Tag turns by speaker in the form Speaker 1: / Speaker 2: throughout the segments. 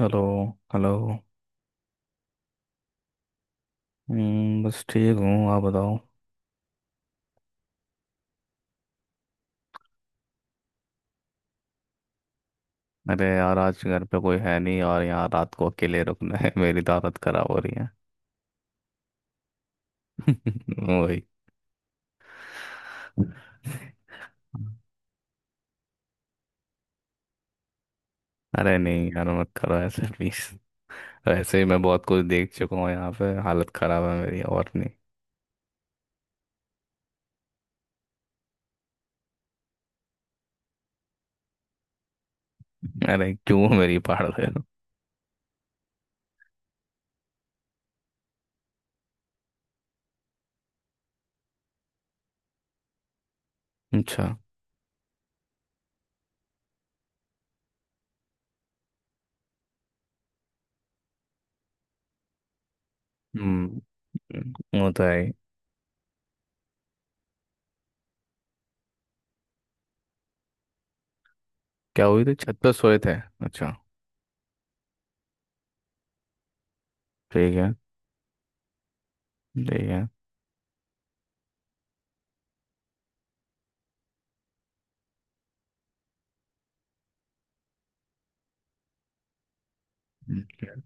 Speaker 1: Hello. Hello. बस ठीक हूँ, आप बताओ। अरे यार, आज घर पे कोई है नहीं और यहाँ रात को अकेले रुकना है। मेरी तो हालत खराब हो रही है। वही। अरे नहीं यार, मत करो ऐसे, प्लीज। वैसे ही मैं बहुत कुछ देख चुका हूँ यहाँ पे, हालत खराब है मेरी, और नहीं। अरे क्यों मेरी पाड़ दे रहे हो? अच्छा। हम्म। वो तो है ही। क्या हुई थी? छत पे सोए थे? अच्छा। ठीक है। ठीक है। हम्म।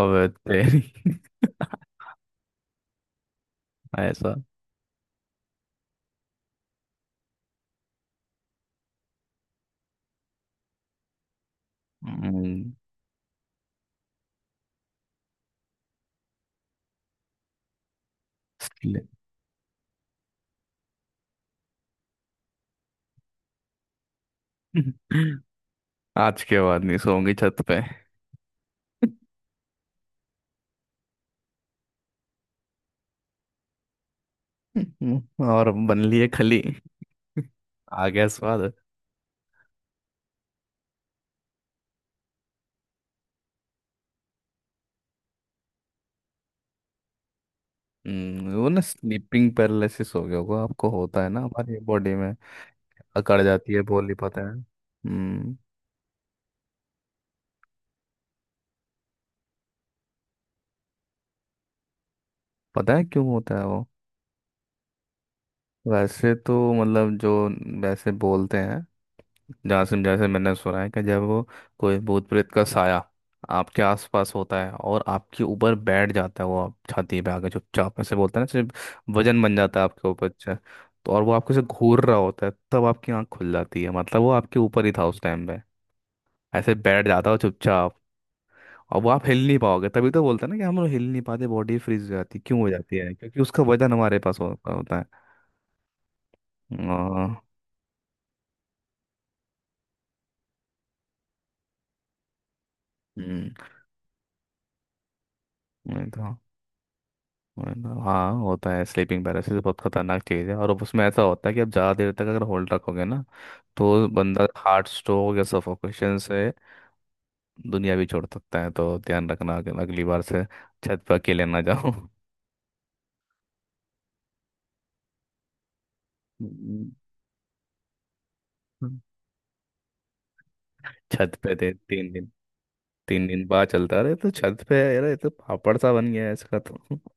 Speaker 1: अब तेरी। ऐसा। हम्म। आज के बाद नहीं सोऊंगी छत पे। और बन लिए खली। आ गया स्वाद। वो ना स्लीपिंग पैरालिसिस हो गया होगा आपको, होता है ना हमारी बॉडी में अकड़ जाती है, बोली पता है? हम्म। पता है क्यों होता है वो? वैसे तो मतलब जो, वैसे बोलते हैं जासिम जैसे मैंने सुना है कि जब वो कोई भूत प्रेत का साया आपके आसपास होता है और आपके ऊपर बैठ जाता है, वो आप छाती पे आके चुपचाप ऐसे बोलता है ना, सिर्फ वजन बन जाता है आपके ऊपर। अच्छा। तो और वो आपको से घूर रहा होता है, तब आपकी आंख खुल जाती है, मतलब वो आपके ऊपर ही था उस टाइम पे। ऐसे बैठ जाता हो चुपचाप। और वो आप हिल नहीं पाओगे, तभी तो बोलते हैं ना कि हम लोग हिल नहीं पाते, बॉडी फ्रीज हो जाती है, क्यों हो जाती है? क्योंकि उसका वजन हमारे पास होता होता है। आ, हम्म। नहीं तो। हाँ होता है, स्लीपिंग पैरालिसिस बहुत खतरनाक चीज़ है और उसमें ऐसा होता है कि आप ज़्यादा देर तक अगर होल्ड रखोगे ना, तो बंदा हार्ट स्ट्रोक या सफोकेशन से दुनिया भी छोड़ सकता है, तो ध्यान रखना कि अगली बार से छत पर अकेले ना जाओ। हम्म। छत पे थे 3 दिन। 3 दिन बाद चलता रहे तो छत पे, यार ये तो पापड़ सा बन गया है इसका तो।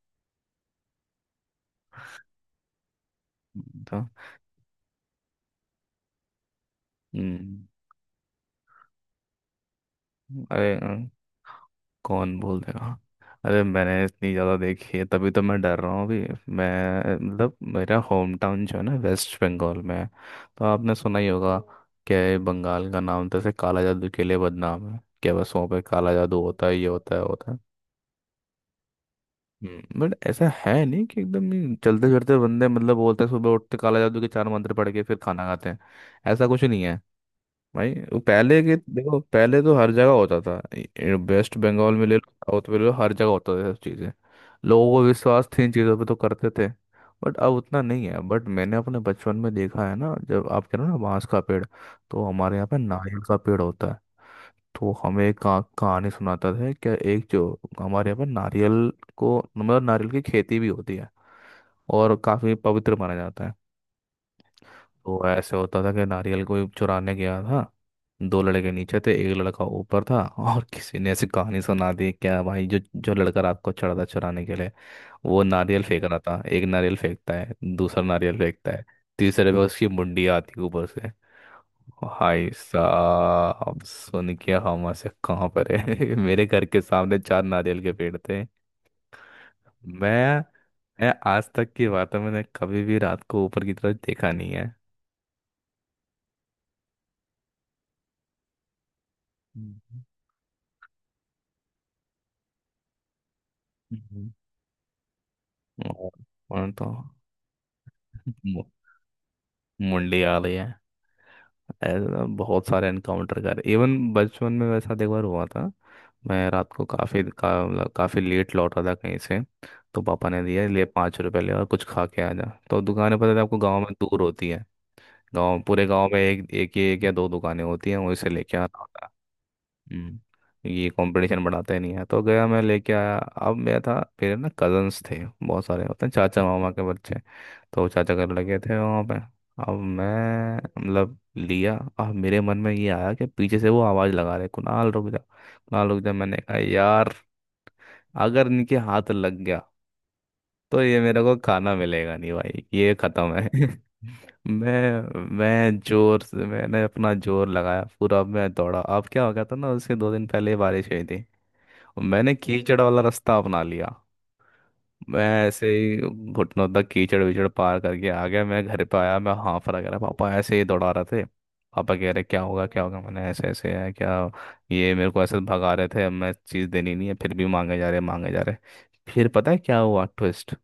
Speaker 1: तो, हम्म, अरे हाँ। कौन बोल देगा? अरे मैंने इतनी ज़्यादा देखी है, तभी तो मैं डर रहा हूँ अभी। मैं मतलब मेरा होम टाउन जो है ना, वेस्ट बंगाल में है। तो आपने सुना ही होगा कि बंगाल का नाम तो ऐसे काला जादू के लिए बदनाम है, क्या बस वहाँ पे काला जादू होता है? ये होता है, होता है। बट ऐसा है नहीं कि एकदम ही चलते फिरते बंदे, मतलब बोलते हैं सुबह उठते काला जादू के चार मंत्र पढ़ के फिर खाना खाते हैं। ऐसा कुछ नहीं। भाई, वो पहले के देखो, पहले तो हर जगह होता था। वेस्ट बंगाल में ले लो, साउथ में ले लो, हर जगह होता था सब चीज़ें। लोगों को विश्वास थी इन चीज़ों पे तो करते थे। बट अब उतना नहीं है। बट मैंने अपने बचपन में देखा है ना, जब आप कह रहे हो ना बांस का पेड़, तो हमारे यहाँ पे नारियल का पेड़ होता है। तो हमें एक कहानी सुनाता था क्या एक जो हमारे यहाँ पे नारियल को, मतलब नारियल की खेती भी होती है और काफ़ी पवित्र माना जाता है। तो ऐसे होता था कि नारियल कोई चुराने गया था। दो लड़के नीचे थे, एक लड़का ऊपर था। और किसी ने ऐसी कहानी सुना दी क्या, भाई जो जो लड़का रात को चढ़ा था चुराने के लिए, वो नारियल फेंक रहा था। एक नारियल फेंकता है, दूसरा नारियल फेंकता है, तीसरे पे उसकी मुंडी आती है ऊपर से। हाय साहब सुन के, हम ऐसे कहाँ पर है? मेरे घर के सामने चार नारियल के पेड़ थे। मैं मैं आज तक की बात है, मैंने कभी भी रात को ऊपर की तरफ देखा नहीं है। हम्म। और तो मु- मुंडी आ रही है। ऐसा बहुत सारे एनकाउंटर कर, इवन बचपन में वैसा एक बार हुआ था। मैं रात को मतलब काफ़ी लेट लौटा था कहीं से, तो पापा ने दिया ले, 5 रुपए ले और कुछ खा के आ जा। तो दुकानें पता है आपको, गांव में दूर होती है। गांव, पूरे गांव में एक एक, एक या दो दुकानें होती हैं, वहीं से लेके आना। हम्म, ये कंपटीशन बढ़ाते नहीं है। तो गया मैं लेके आया, अब मैं था फिर ना, कजन्स थे बहुत सारे होते हैं चाचा मामा के बच्चे। तो चाचा घर लगे थे वहाँ पे। अब मैं मतलब लिया, अब मेरे मन में ये आया कि पीछे से वो आवाज़ लगा रहे, कुणाल रुक जा, कुणाल रुक जा। मैंने कहा यार, अगर इनके हाथ लग गया तो ये मेरे को खाना मिलेगा नहीं, भाई ये खत्म है। मैं जोर से, मैंने अपना जोर लगाया पूरा, मैं दौड़ा। अब क्या हो गया था ना, उसके 2 दिन पहले बारिश हुई थी, तो मैंने कीचड़ वाला रास्ता अपना लिया। मैं ऐसे ही घुटनों तक कीचड़ विचड़ पार करके आ गया, मैं घर पे आया, मैं हाँफ रहा रहा, पापा ऐसे ही दौड़ा रहे थे। पापा कह रहे क्या होगा क्या होगा, मैंने ऐसे ऐसे है क्या। ये मेरे को ऐसे भगा रहे थे, अब मैं चीज़ देनी नहीं है, फिर भी मांगे जा रहे मांगे जा रहे। फिर पता है क्या हुआ ट्विस्ट?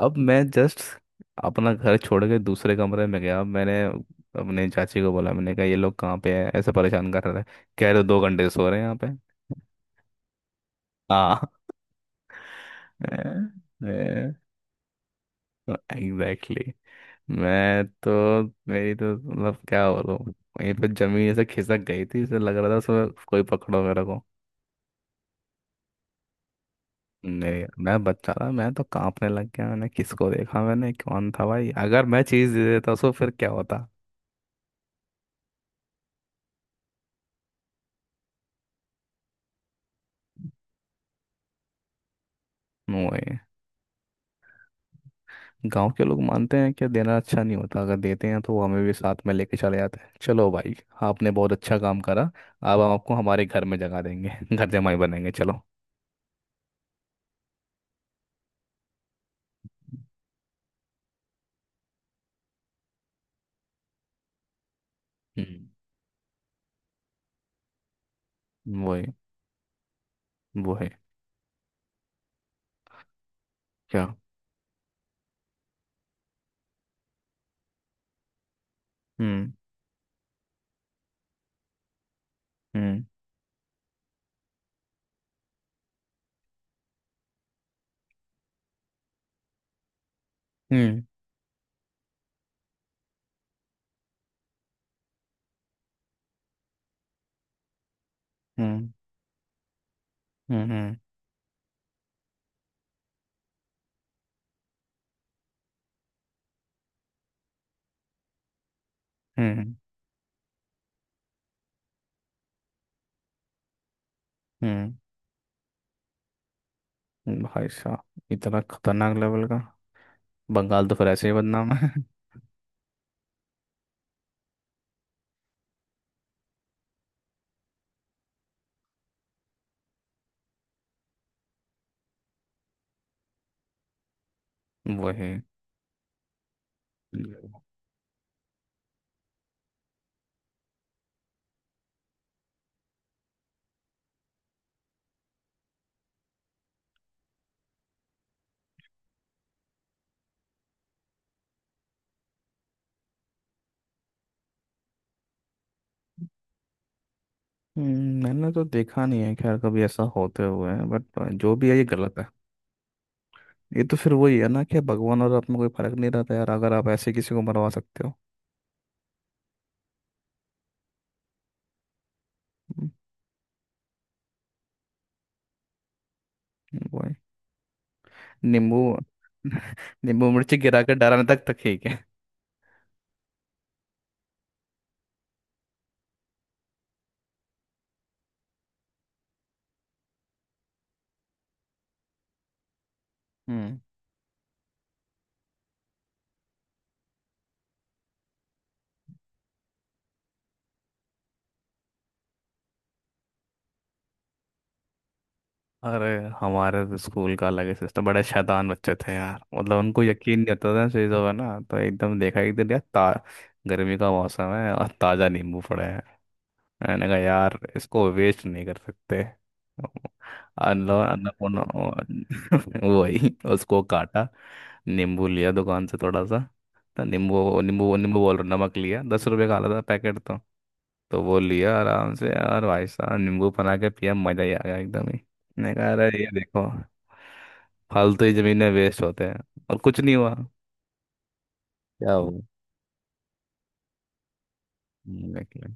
Speaker 1: अब मैं जस्ट अपना घर छोड़ के दूसरे कमरे में गया, मैंने अपने चाची को बोला, मैंने कहा ये लोग कहाँ पे है, ऐसे परेशान कर रहे थे। कह रहे 2 घंटे से सो रहे हैं यहाँ पे। हाँ। Exactly exactly। मैं तो, मेरी तो मतलब क्या बोलूं, मेरी तो जमीन ऐसे खिसक गई थी, ऐसे लग रहा था उसमें कोई पकड़ो मेरे को। नहीं मैं बच्चा था, मैं तो कांपने लग गया। मैंने किसको देखा, मैंने कौन था भाई, अगर मैं चीज दे देता उसको फिर क्या होता? वही। गांव के लोग मानते हैं कि देना अच्छा नहीं होता, अगर देते हैं तो वो हमें भी साथ में लेके चले जाते हैं। चलो भाई, आपने बहुत अच्छा काम करा, अब हम आपको हमारे घर में जगा देंगे। घर जमाई बनेंगे चलो। हम्म। वही। वो है। क्या। हम्म। हम्म। हम्म। हम्म। हम्म। हम्म। हम्म। भाई साहब, इतना खतरनाक लेवल का, बंगाल तो फिर ऐसे ही बदनाम है। वही। मैंने तो देखा नहीं है खैर कभी ऐसा होते हुए, बट जो भी है ये गलत है। ये तो फिर वही है ना कि भगवान और आप में कोई फर्क नहीं रहता यार, अगर आप ऐसे किसी को मरवा सकते हो। हम्म, वही। नींबू नींबू मिर्ची गिरा कर डराने तक तो ठीक है। हम्म। अरे हमारे तो स्कूल का अलग ही सिस्टम, बड़े शैतान बच्चे थे यार मतलब, उनको यकीन नहीं होता था इन चीज़ों का ना, तो एकदम देखा एक दिन यार ता गर्मी का मौसम है और ताज़ा नींबू पड़े। मैंने कहा यार इसको वेस्ट नहीं कर सकते। अनलो अन्नपूर्णा। वही उसको काटा, नींबू लिया दुकान से थोड़ा सा। तो नींबू नींबू नींबू बोल रहा, नमक लिया 10 रुपए का आला था पैकेट तो। तो वो लिया आराम से यार, भाई साहब नींबू बना के पिया मजा ही आ गया एकदम ही। मैंने कहा अरे ये देखो, फालतू ही जमीन में वेस्ट होते हैं। और कुछ नहीं हुआ। क्या हुआ? निकले।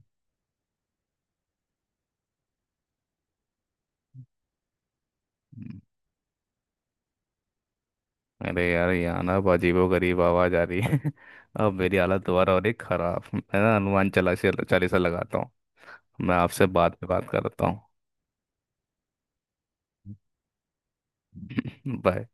Speaker 1: अरे यार यहाँ ना अब अजीबोगरीब आवाज आ रही है। अब मेरी हालत दोबारा हो रही है खराब, मैं ना हनुमान चालीसा चालीसा लगाता हूँ। मैं आपसे बाद में बात करता हूँ। बाय।